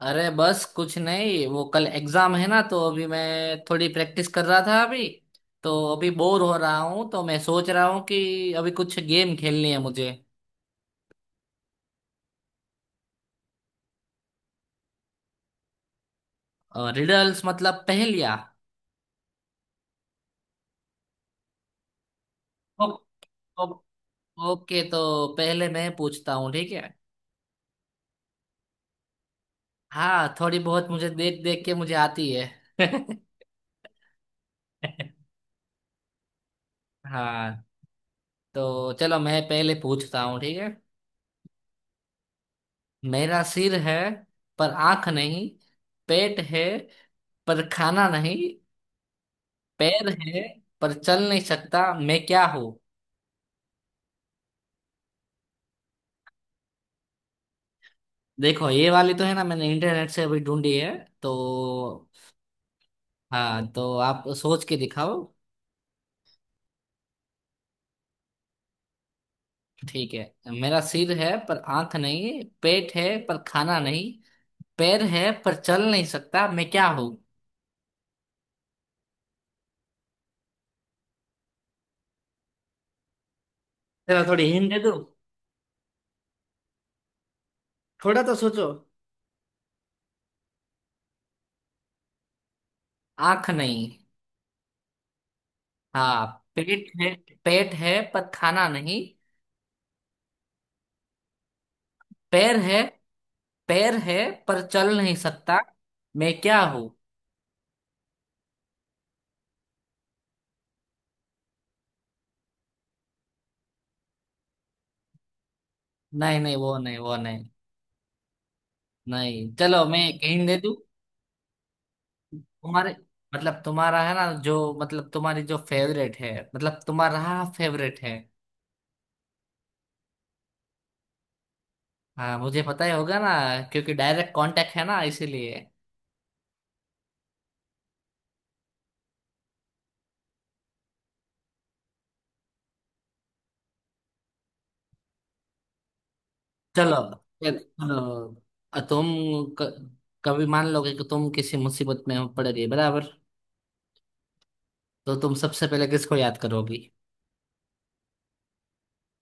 अरे बस कुछ नहीं, वो कल एग्जाम है ना, तो अभी मैं थोड़ी प्रैक्टिस कर रहा था। अभी तो अभी बोर हो रहा हूँ, तो मैं सोच रहा हूँ कि अभी कुछ गेम खेलनी है मुझे। रिडल्स मतलब पहेलियाँ? ओ, ओ, ओके, तो पहले मैं पूछता हूँ, ठीक है। हाँ, थोड़ी बहुत, मुझे देख देख के मुझे आती है। हाँ, तो चलो मैं पहले पूछता हूँ, ठीक है। मेरा सिर है पर आंख नहीं, पेट है पर खाना नहीं, पैर है पर चल नहीं सकता, मैं क्या हूँ? देखो, ये वाली तो है ना, मैंने इंटरनेट से अभी ढूंढी है, तो। हाँ, तो आप सोच के दिखाओ। ठीक है, मेरा सिर है पर आंख नहीं, पेट है पर खाना नहीं, पैर है पर चल नहीं सकता, मैं क्या हूँ? चलो थोड़ी हिंट दे दूँ, थोड़ा तो सोचो। आंख नहीं। हाँ। पेट है, पेट है पर खाना नहीं। पैर है, पैर है पर चल नहीं सकता। मैं क्या हूँ? नहीं नहीं, वो नहीं, वो नहीं। नहीं, चलो मैं एक हिंट दे दूं। तुम्हारे, मतलब तुम्हारा है ना जो, मतलब तुम्हारी जो फेवरेट है, मतलब तुम्हारा फेवरेट है। हाँ, मुझे पता ही होगा ना, क्योंकि डायरेक्ट कांटेक्ट है ना, इसीलिए। चलो चलो, तुम, क, कभी मान लोगे कि तुम किसी मुसीबत में पड़ रही है, बराबर? तो तुम सबसे पहले किसको याद करोगी?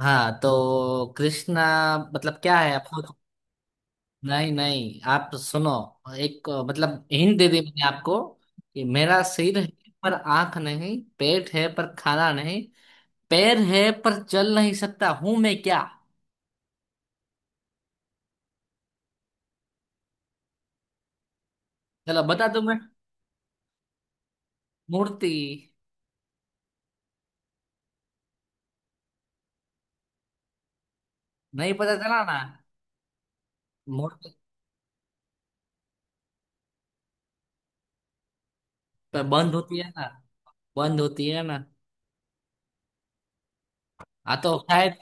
हाँ तो कृष्णा, मतलब क्या है आप? नहीं नहीं, आप सुनो, एक मतलब हिंट दे दी मैंने आपको, कि मेरा सिर है पर आंख नहीं, पेट है पर खाना नहीं, पैर है पर चल नहीं सकता हूं, मैं क्या? चलो बता दो। मैं मूर्ति। नहीं? पता चला ना। मूर्ति पर बंद होती है ना। बंद होती है ना। हाँ तो शायद।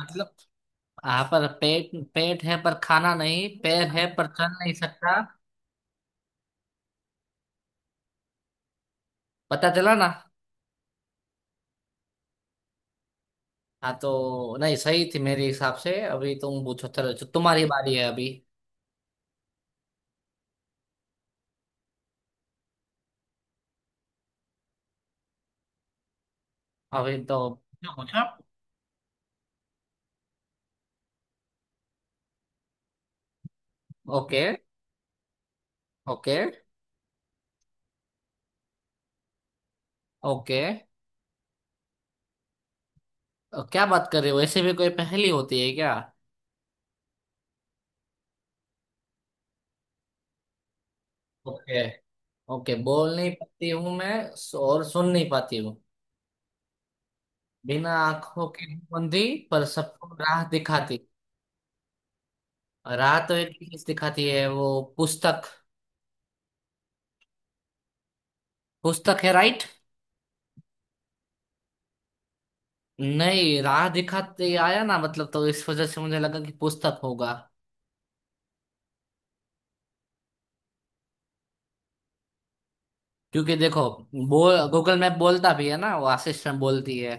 मतलब, हाँ, पर पेट पेट है पर खाना नहीं, पैर है पर चल नहीं सकता। पता चला ना। हाँ तो नहीं, सही थी मेरे हिसाब से। अभी तुम पूछो, चलो, जो तुम्हारी बारी है अभी। अभी तो क्या पूछा आप? ओके। ओके। ओके। क्या बात कर रहे हो, ऐसे भी कोई पहेली होती है क्या? Okay, okay. बोल नहीं पाती हूँ मैं, और सुन नहीं पाती हूँ। बिना आंखों के हूँ बंदी, पर सबको राह दिखाती। राह तो एक ही चीज दिखाती है, वो पुस्तक। पुस्तक है, राइट? नहीं, राह दिखाते आया ना, मतलब तो इस वजह से मुझे लगा कि पुस्तक होगा। क्योंकि देखो, बोल, गूगल मैप बोलता भी है ना, वो असिस्टेंट बोलती है,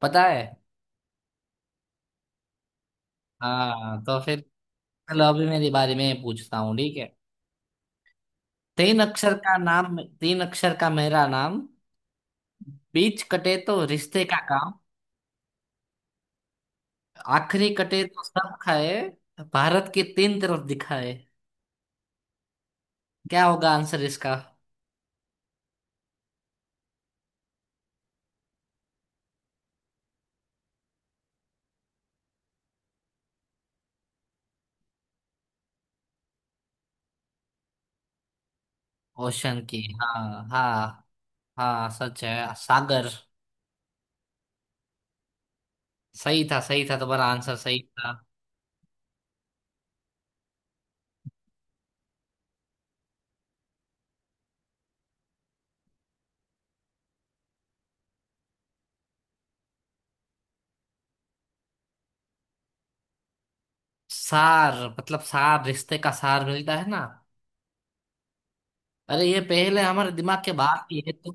पता है। हाँ तो फिर। चलो अभी मेरी बारी में पूछता हूँ, ठीक है। तीन अक्षर का नाम, तीन अक्षर का मेरा नाम, बीच कटे तो रिश्ते का काम, आखिरी कटे तो सब खाए, भारत की तीन तरफ दिखाए। क्या होगा आंसर इसका? ओशन की, हाँ हाँ हाँ। सच है, सागर। सही था, सही था, तुम्हारा आंसर सही था। सार मतलब सार, रिश्ते का सार मिलता है ना। अरे ये पहले हमारे दिमाग के बाहर की है, तो।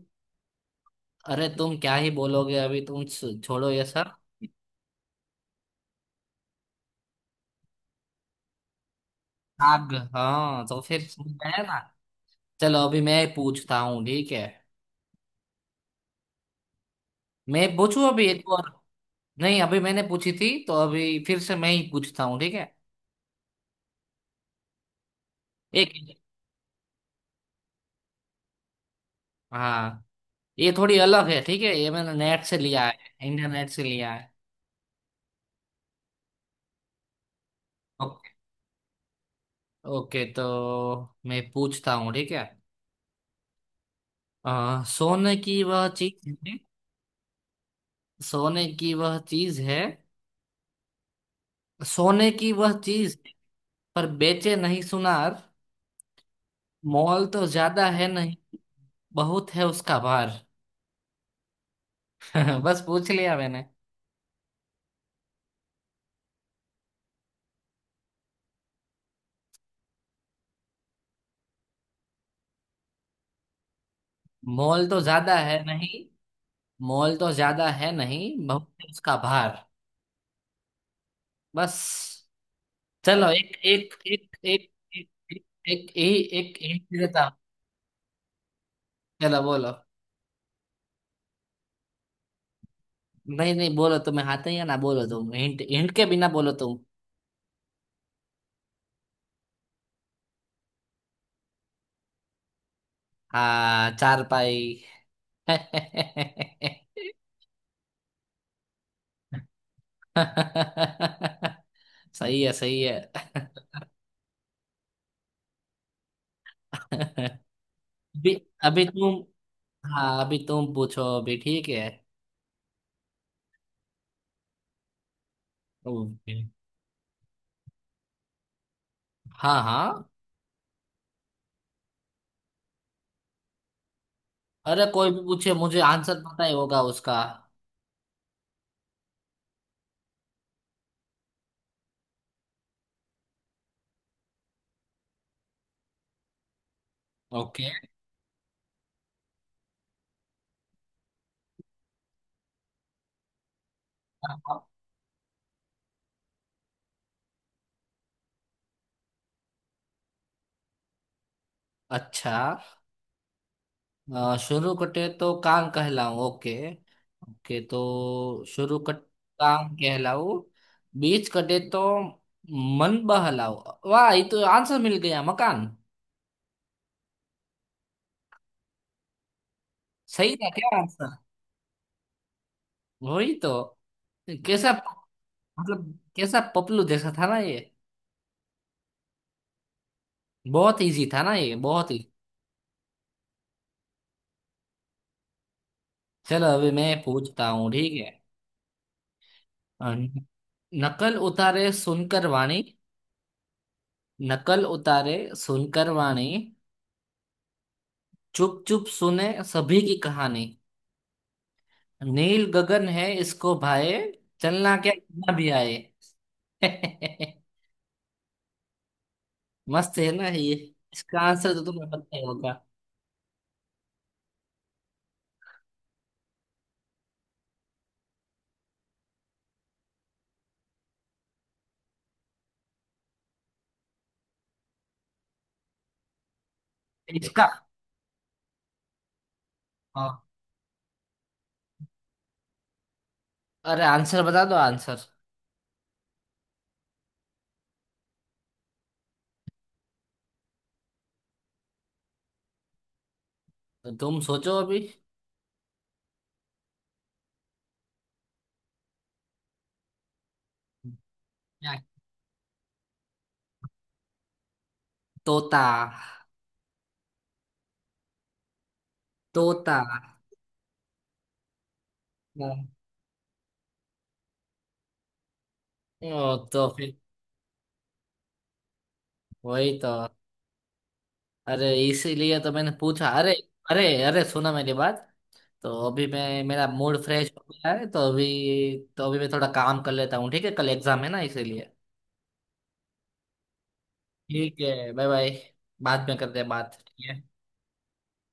अरे तुम क्या ही बोलोगे, अभी तुम छोड़ो ये सब। आग, हाँ तो फिर समझ में आया ना। चलो अभी मैं पूछता हूँ, ठीक है। मैं पूछूं अभी एक और। नहीं, अभी मैंने पूछी थी तो अभी फिर से मैं ही पूछता हूँ, ठीक है। एक। हाँ, ये थोड़ी अलग है, ठीक है, ये मैंने नेट से लिया है, इंटरनेट से लिया है। ओके। ओके, तो मैं पूछता हूँ, ठीक है। सोने की वह चीज है, सोने की वह चीज है, सोने की वह चीज, पर बेचे नहीं सुनार, मोल तो ज्यादा है नहीं, बहुत है उसका भार। बस, पूछ लिया मैंने। मोल तो ज्यादा है नहीं, मोल तो ज्यादा है नहीं, बहुत है उसका भार, बस। चलो, एक एक एक एक एक हिंट देता हूँ। चलो बोलो, नहीं नहीं, बोलो तुम्हें आता ही है ना, बोलो तुम, हिंट, हिंट के बिना बोलो तुम। हाँ, चार पाई। सही है, सही है। अभी, अभी तुम, हाँ, अभी तुम पूछो अभी, ठीक है। ओके। हाँ हाँ, अरे कोई भी पूछे मुझे आंसर पता ही होगा उसका। ओके। अच्छा, शुरू कटे तो कान कहलाऊं। ओके। ओके, तो शुरू कट कान कहलाऊं, बीच कटे तो मन बहलाऊं। वाह, ये तो आंसर मिल गया, मकान। सही था क्या आंसर? वही तो। कैसा, मतलब कैसा पपलू जैसा था ना ये, बहुत इजी था ना ये, बहुत ही। चलो अभी मैं पूछता हूँ, ठीक है। अ, नकल उतारे सुनकर वाणी। नकल उतारे सुनकर वाणी, चुप चुप सुने सभी की कहानी, नील गगन है इसको भाए, चलना क्या, कितना भी आए। मस्त है ना ये। इसका आंसर तो तुम्हें पता ही होगा। इसका? हाँ, अरे आंसर बता दो, आंसर। तुम सोचो अभी। क्या? तोता। तोता। हाँ, ओ, तो फिर। वही तो। अरे इसीलिए तो मैंने पूछा, अरे, अरे, अरे, सुना मेरी बात। तो अभी मैं, मेरा मूड फ्रेश हो गया है, तो अभी, तो अभी मैं थोड़ा काम कर लेता हूँ, ठीक है, कल एग्जाम है ना, इसीलिए। ठीक है, बाय बाय। बाद में करते हैं बात।